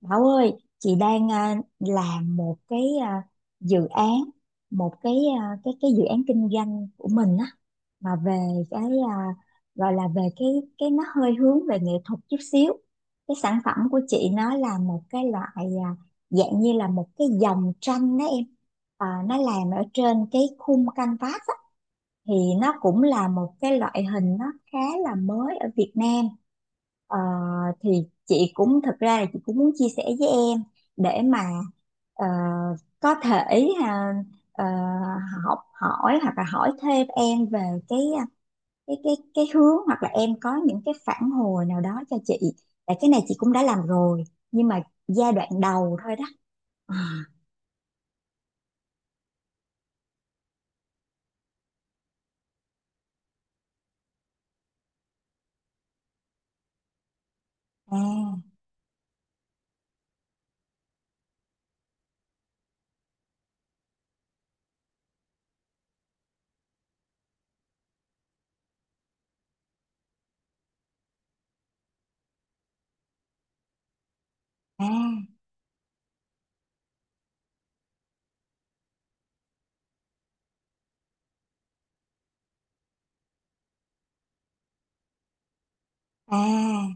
Bảo ơi, chị đang làm một cái dự án, một cái à, cái cái dự án kinh doanh của mình á, mà về cái à, gọi là về cái nó hơi hướng về nghệ thuật chút xíu. Cái sản phẩm của chị nó là một cái loại, à, dạng như là một cái dòng tranh đó em. À, nó làm ở trên cái khung canvas á, thì nó cũng là một cái loại hình nó khá là mới ở Việt Nam. Ờ, thì chị cũng thật ra là chị cũng muốn chia sẻ với em để mà ờ, có thể, ờ, học hỏi hoặc là hỏi thêm em về cái à, cái cái hướng, hoặc là em có những cái phản hồi nào đó cho chị, tại cái này chị cũng đã làm rồi nhưng mà giai đoạn đầu thôi đó à à à à.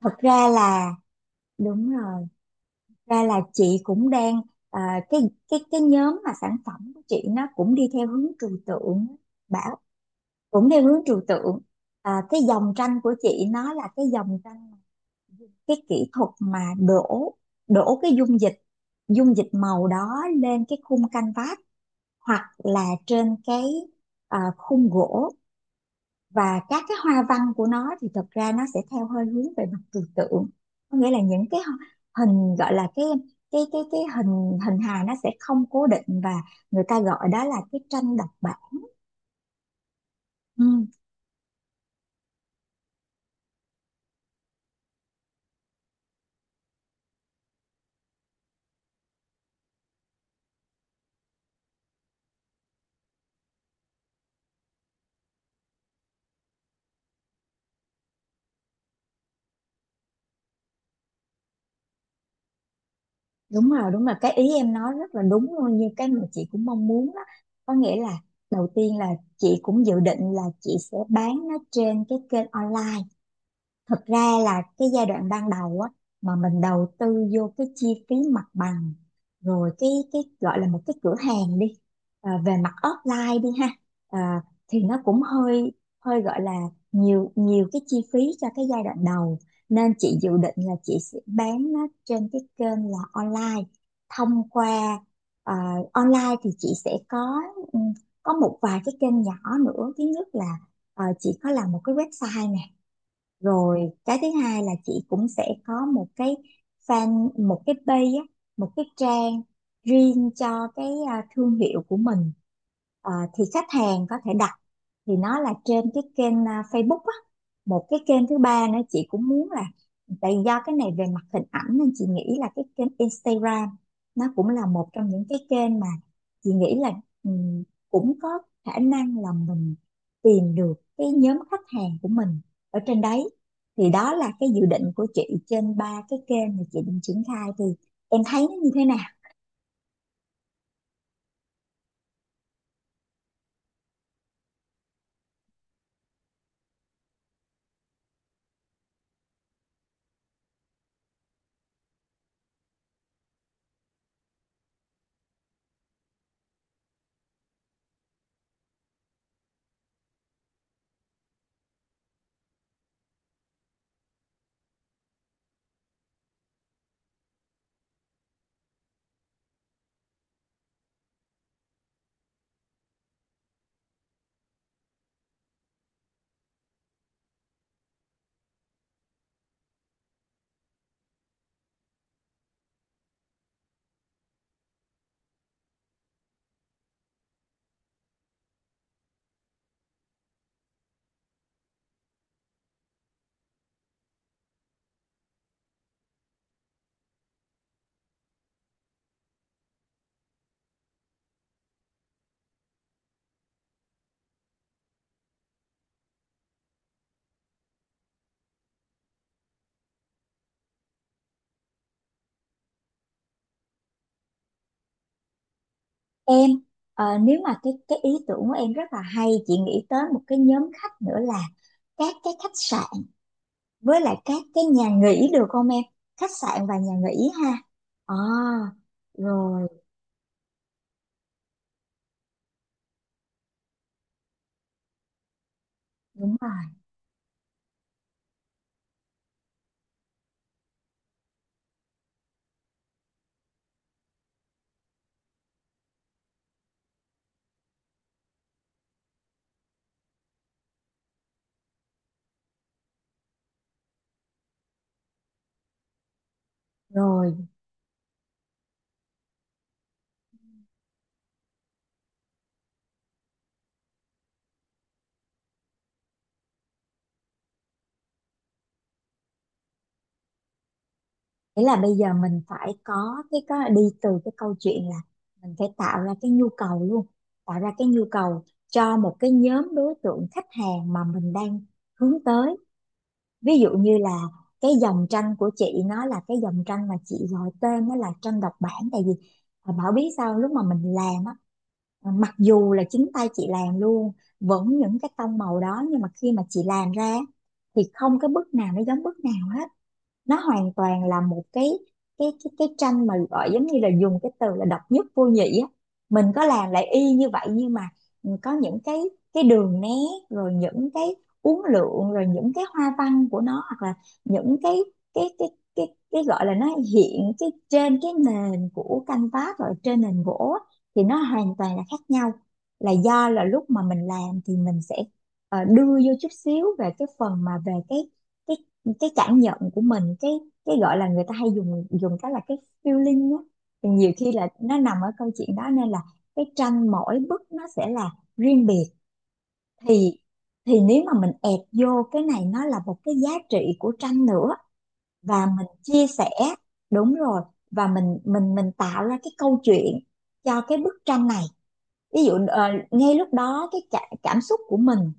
Thật ra là đúng rồi, ra là chị cũng đang à, cái cái nhóm mà sản phẩm của chị nó cũng đi theo hướng trừu tượng. Bảo cũng theo hướng trừu tượng. À, cái dòng tranh của chị nó là cái dòng tranh, cái kỹ thuật mà đổ đổ cái dung dịch màu đó lên cái khung canvas, hoặc là trên cái khung gỗ. Và các cái hoa văn của nó thì thật ra nó sẽ theo hơi hướng về mặt trừu tượng, có nghĩa là những cái hình, gọi là cái hình, hình hài nó sẽ không cố định, và người ta gọi đó là cái tranh độc bản. Ừ, đúng rồi, đúng rồi, cái ý em nói rất là đúng luôn, như cái mà chị cũng mong muốn đó. Có nghĩa là đầu tiên là chị cũng dự định là chị sẽ bán nó trên cái kênh online. Thật ra là cái giai đoạn ban đầu á, mà mình đầu tư vô cái chi phí mặt bằng, rồi cái gọi là một cái cửa hàng đi, về mặt offline đi ha. Ờ, thì nó cũng hơi, hơi gọi là nhiều, nhiều cái chi phí cho cái giai đoạn đầu, nên chị dự định là chị sẽ bán nó trên cái kênh là online thông qua, ờ, online thì chị sẽ có, ừ, có một vài cái kênh nhỏ nữa. Thứ nhất là, chị có làm một cái website nè. Rồi cái thứ hai là chị cũng sẽ có một cái fan, một cái page á, một cái trang riêng cho cái thương hiệu của mình. Ờ, thì khách hàng có thể đặt, thì nó là trên cái kênh Facebook á. Một cái kênh thứ ba nữa chị cũng muốn là, tại do cái này về mặt hình ảnh nên chị nghĩ là cái kênh Instagram, nó cũng là một trong những cái kênh mà chị nghĩ là ừm, cũng có khả năng là mình tìm được cái nhóm khách hàng của mình ở trên đấy. Thì đó là cái dự định của chị trên ba cái kênh mà chị định triển khai. Thì em thấy nó như thế nào? Em, nếu mà cái ý tưởng của em rất là hay, chị nghĩ tới một cái nhóm khách nữa là các cái khách sạn với lại các cái nhà nghỉ, được không em? Khách sạn và nhà nghỉ ha. À, rồi. Đúng rồi. Rồi. Nghĩa là bây giờ mình phải có cái, có đi từ cái câu chuyện là mình phải tạo ra cái nhu cầu luôn, tạo ra cái nhu cầu cho một cái nhóm đối tượng khách hàng mà mình đang hướng tới. Ví dụ như là cái dòng tranh của chị nó là cái dòng tranh mà chị gọi tên nó là tranh độc bản. Tại vì Bảo biết sao lúc mà mình làm á, mặc dù là chính tay chị làm luôn vẫn những cái tông màu đó, nhưng mà khi mà chị làm ra thì không cái bức nào nó giống bức nào hết. Nó hoàn toàn là một cái tranh mà gọi giống như là dùng cái từ là độc nhất vô nhị á, mình có làm lại y như vậy nhưng mà, ừ, có những cái đường nét, rồi những cái uốn lượn, rồi những cái hoa văn của nó, hoặc là những cái cái cái gọi là nó hiện cái trên cái nền của canvas rồi trên nền gỗ á, thì nó hoàn toàn là khác nhau. Là do là lúc mà mình làm thì mình sẽ, đưa vô chút xíu về cái phần mà về cái cái cảm nhận của mình, cái gọi là người ta hay dùng dùng cái là cái feeling á, thì nhiều khi là nó nằm ở câu chuyện đó nên là cái tranh mỗi bức nó sẽ là riêng biệt. Thì thì nếu mà mình ép vô cái này nó là một cái giá trị của tranh nữa, và mình chia sẻ. Đúng rồi. Và mình tạo ra cái câu chuyện cho cái bức tranh này. Ví dụ ngay lúc đó cái cảm xúc của mình,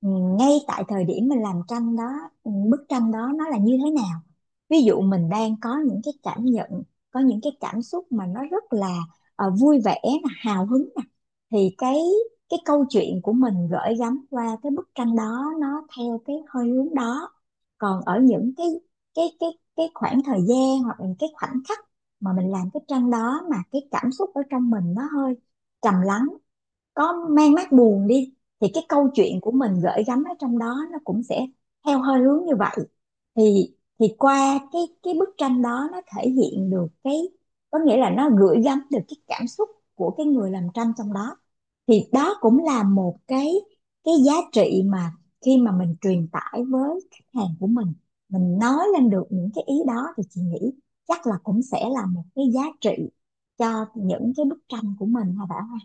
ừ, ngay tại thời điểm mình làm tranh đó. Ừ, bức tranh đó nó là như thế nào? Ví dụ mình đang có những cái cảm nhận, có những cái cảm xúc mà nó rất là vui vẻ nè, hào hứng nè, thì cái câu chuyện của mình gửi gắm qua cái bức tranh đó nó theo cái hơi hướng đó. Còn ở những cái cái cái khoảng thời gian hoặc là cái khoảnh khắc mà mình làm cái tranh đó mà cái cảm xúc ở trong mình nó hơi trầm lắng, có mang mát buồn đi, thì cái câu chuyện của mình gửi gắm ở trong đó nó cũng sẽ theo hơi hướng như vậy. Thì thì qua cái bức tranh đó nó thể hiện được cái, có nghĩa là nó gửi gắm được cái cảm xúc của cái người làm tranh trong đó. Thì đó cũng là một cái giá trị mà khi mà mình truyền tải với khách hàng của mình nói lên được những cái ý đó, thì chị nghĩ chắc là cũng sẽ là một cái giá trị cho những cái bức tranh của mình, hả Bảo ha?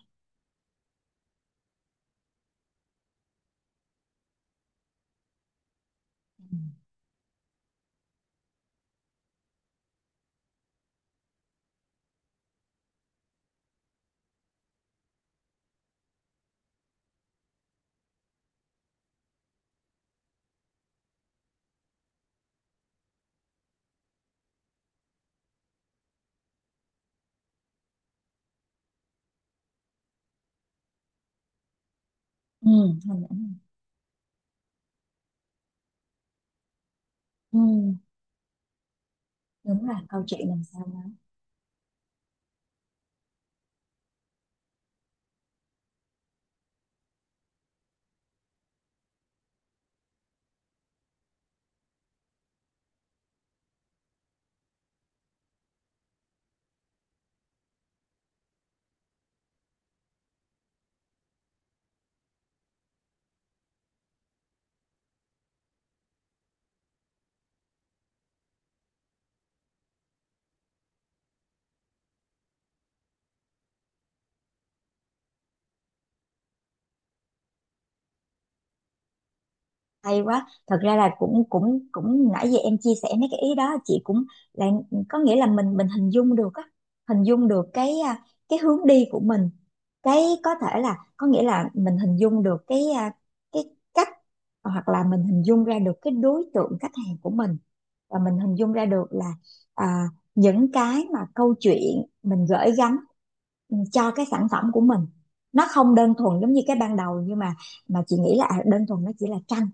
Ừ. Ừ, ừ, ừ, đúng là câu chuyện làm sao. Hay quá. Thật ra là cũng cũng cũng nãy giờ em chia sẻ mấy cái ý đó chị cũng là, có nghĩa là mình hình dung được á, hình dung được cái cái hướng đi của mình. Cái có thể là, có nghĩa là mình hình dung được cái cái cách, hoặc là mình hình dung ra được cái đối tượng khách hàng của mình, và mình hình dung ra được là à, những cái mà câu chuyện mình gửi gắm, ừ, cho cái sản phẩm của mình, nó không đơn thuần giống như cái ban đầu, nhưng mà chị nghĩ là, đơn thuần nó chỉ là tranh.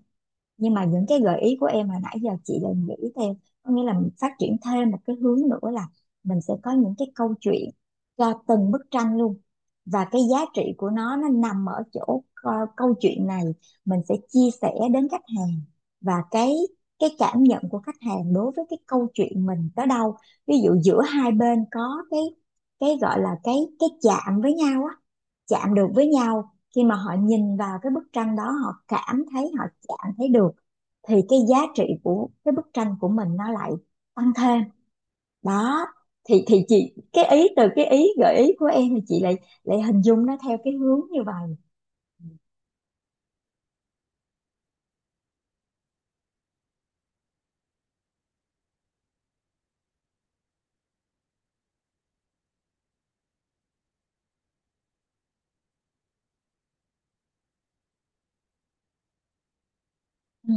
Nhưng mà những cái gợi ý của em hồi nãy giờ chị đều nghĩ theo, có nghĩa là mình phát triển thêm một cái hướng nữa là mình sẽ có những cái câu chuyện cho từng bức tranh luôn. Và cái giá trị của nó nằm ở chỗ câu chuyện này mình sẽ chia sẻ đến khách hàng. Và cái cảm nhận của khách hàng đối với cái câu chuyện mình tới đâu, ví dụ giữa hai bên có cái gọi là cái chạm với nhau á, chạm được với nhau. Khi mà họ nhìn vào cái bức tranh đó, họ cảm thấy, họ chạm thấy được, thì cái giá trị của cái bức tranh của mình nó lại tăng thêm đó. Thì chị, cái ý từ cái ý gợi ý của em, thì chị lại lại hình dung nó theo cái hướng như vậy. Ừ,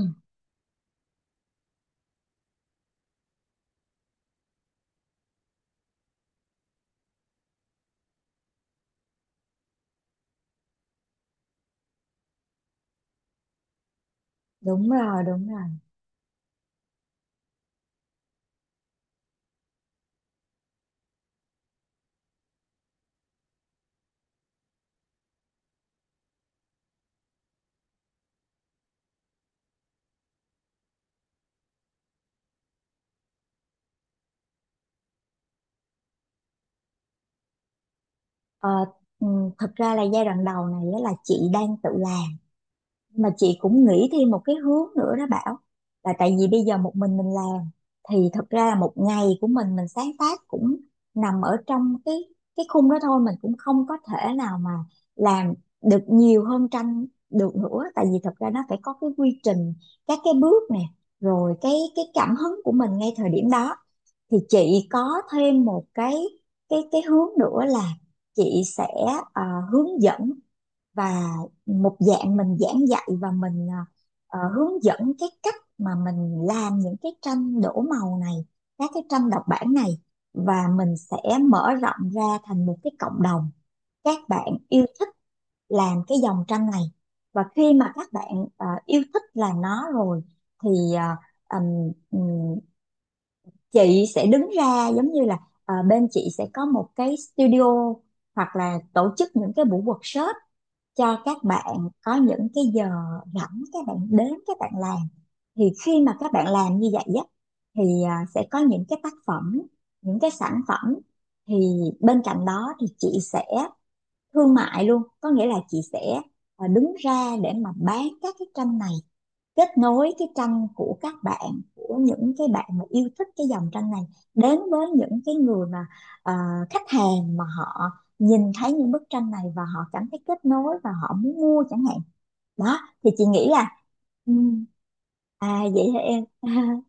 đúng rồi, đúng rồi. ờ, ừ, Thật ra là giai đoạn đầu này á là chị đang tự làm, mà chị cũng nghĩ thêm một cái hướng nữa đó Bảo. Là tại vì bây giờ một mình làm thì thật ra là một ngày của mình sáng tác cũng nằm ở trong cái khung đó thôi, mình cũng không có thể nào mà làm được nhiều hơn tranh được nữa, tại vì thật ra nó phải có cái quy trình, các cái bước nè, rồi cái cảm hứng của mình ngay thời điểm đó. Thì chị có thêm một cái hướng nữa là chị sẽ, ờ, hướng dẫn và một dạng mình giảng dạy và mình, hướng dẫn cái cách mà mình làm những cái tranh đổ màu này, các cái tranh độc bản này. Và mình sẽ mở rộng ra thành một cái cộng đồng các bạn yêu thích làm cái dòng tranh này. Và khi mà các bạn yêu thích làm nó rồi thì, ờ, ừm, ừm, chị sẽ đứng ra giống như là, bên chị sẽ có một cái studio hoặc là tổ chức những cái buổi workshop cho các bạn có những cái giờ rảnh, các bạn đến các bạn làm. Thì khi mà các bạn làm như vậy á, thì sẽ có những cái tác phẩm, những cái sản phẩm. Thì bên cạnh đó thì chị sẽ thương mại luôn, có nghĩa là chị sẽ đứng ra để mà bán các cái tranh này, kết nối cái tranh của các bạn, của những cái bạn mà yêu thích cái dòng tranh này, đến với những cái người mà, ờ, khách hàng mà họ nhìn thấy những bức tranh này và họ cảm thấy kết nối và họ muốn mua chẳng hạn. Đó, thì chị nghĩ là, ừ, à vậy hả em?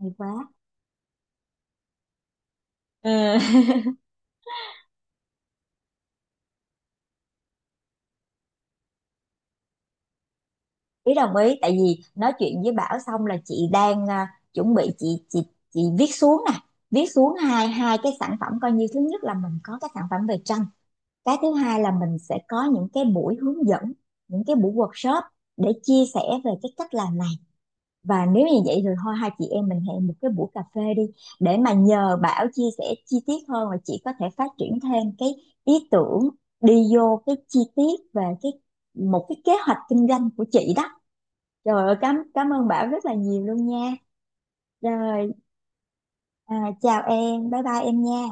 Hay quá. Ừ. Ý, đồng ý, tại vì nói chuyện với Bảo xong là chị đang, chuẩn bị, chị viết xuống nè, viết xuống hai hai cái sản phẩm coi như, thứ nhất là mình có cái sản phẩm về tranh, cái thứ hai là mình sẽ có những cái buổi hướng dẫn, những cái buổi workshop để chia sẻ về cái cách làm này. Và nếu như vậy thì thôi, hai chị em mình hẹn một cái buổi cà phê đi, để mà nhờ Bảo chia sẻ chi tiết hơn và chị có thể phát triển thêm cái ý tưởng, đi vô cái chi tiết về cái, một cái kế hoạch kinh doanh của chị đó. Trời ơi, cảm cảm ơn Bảo rất là nhiều luôn nha. Rồi, à, chào em, bye bye em nha.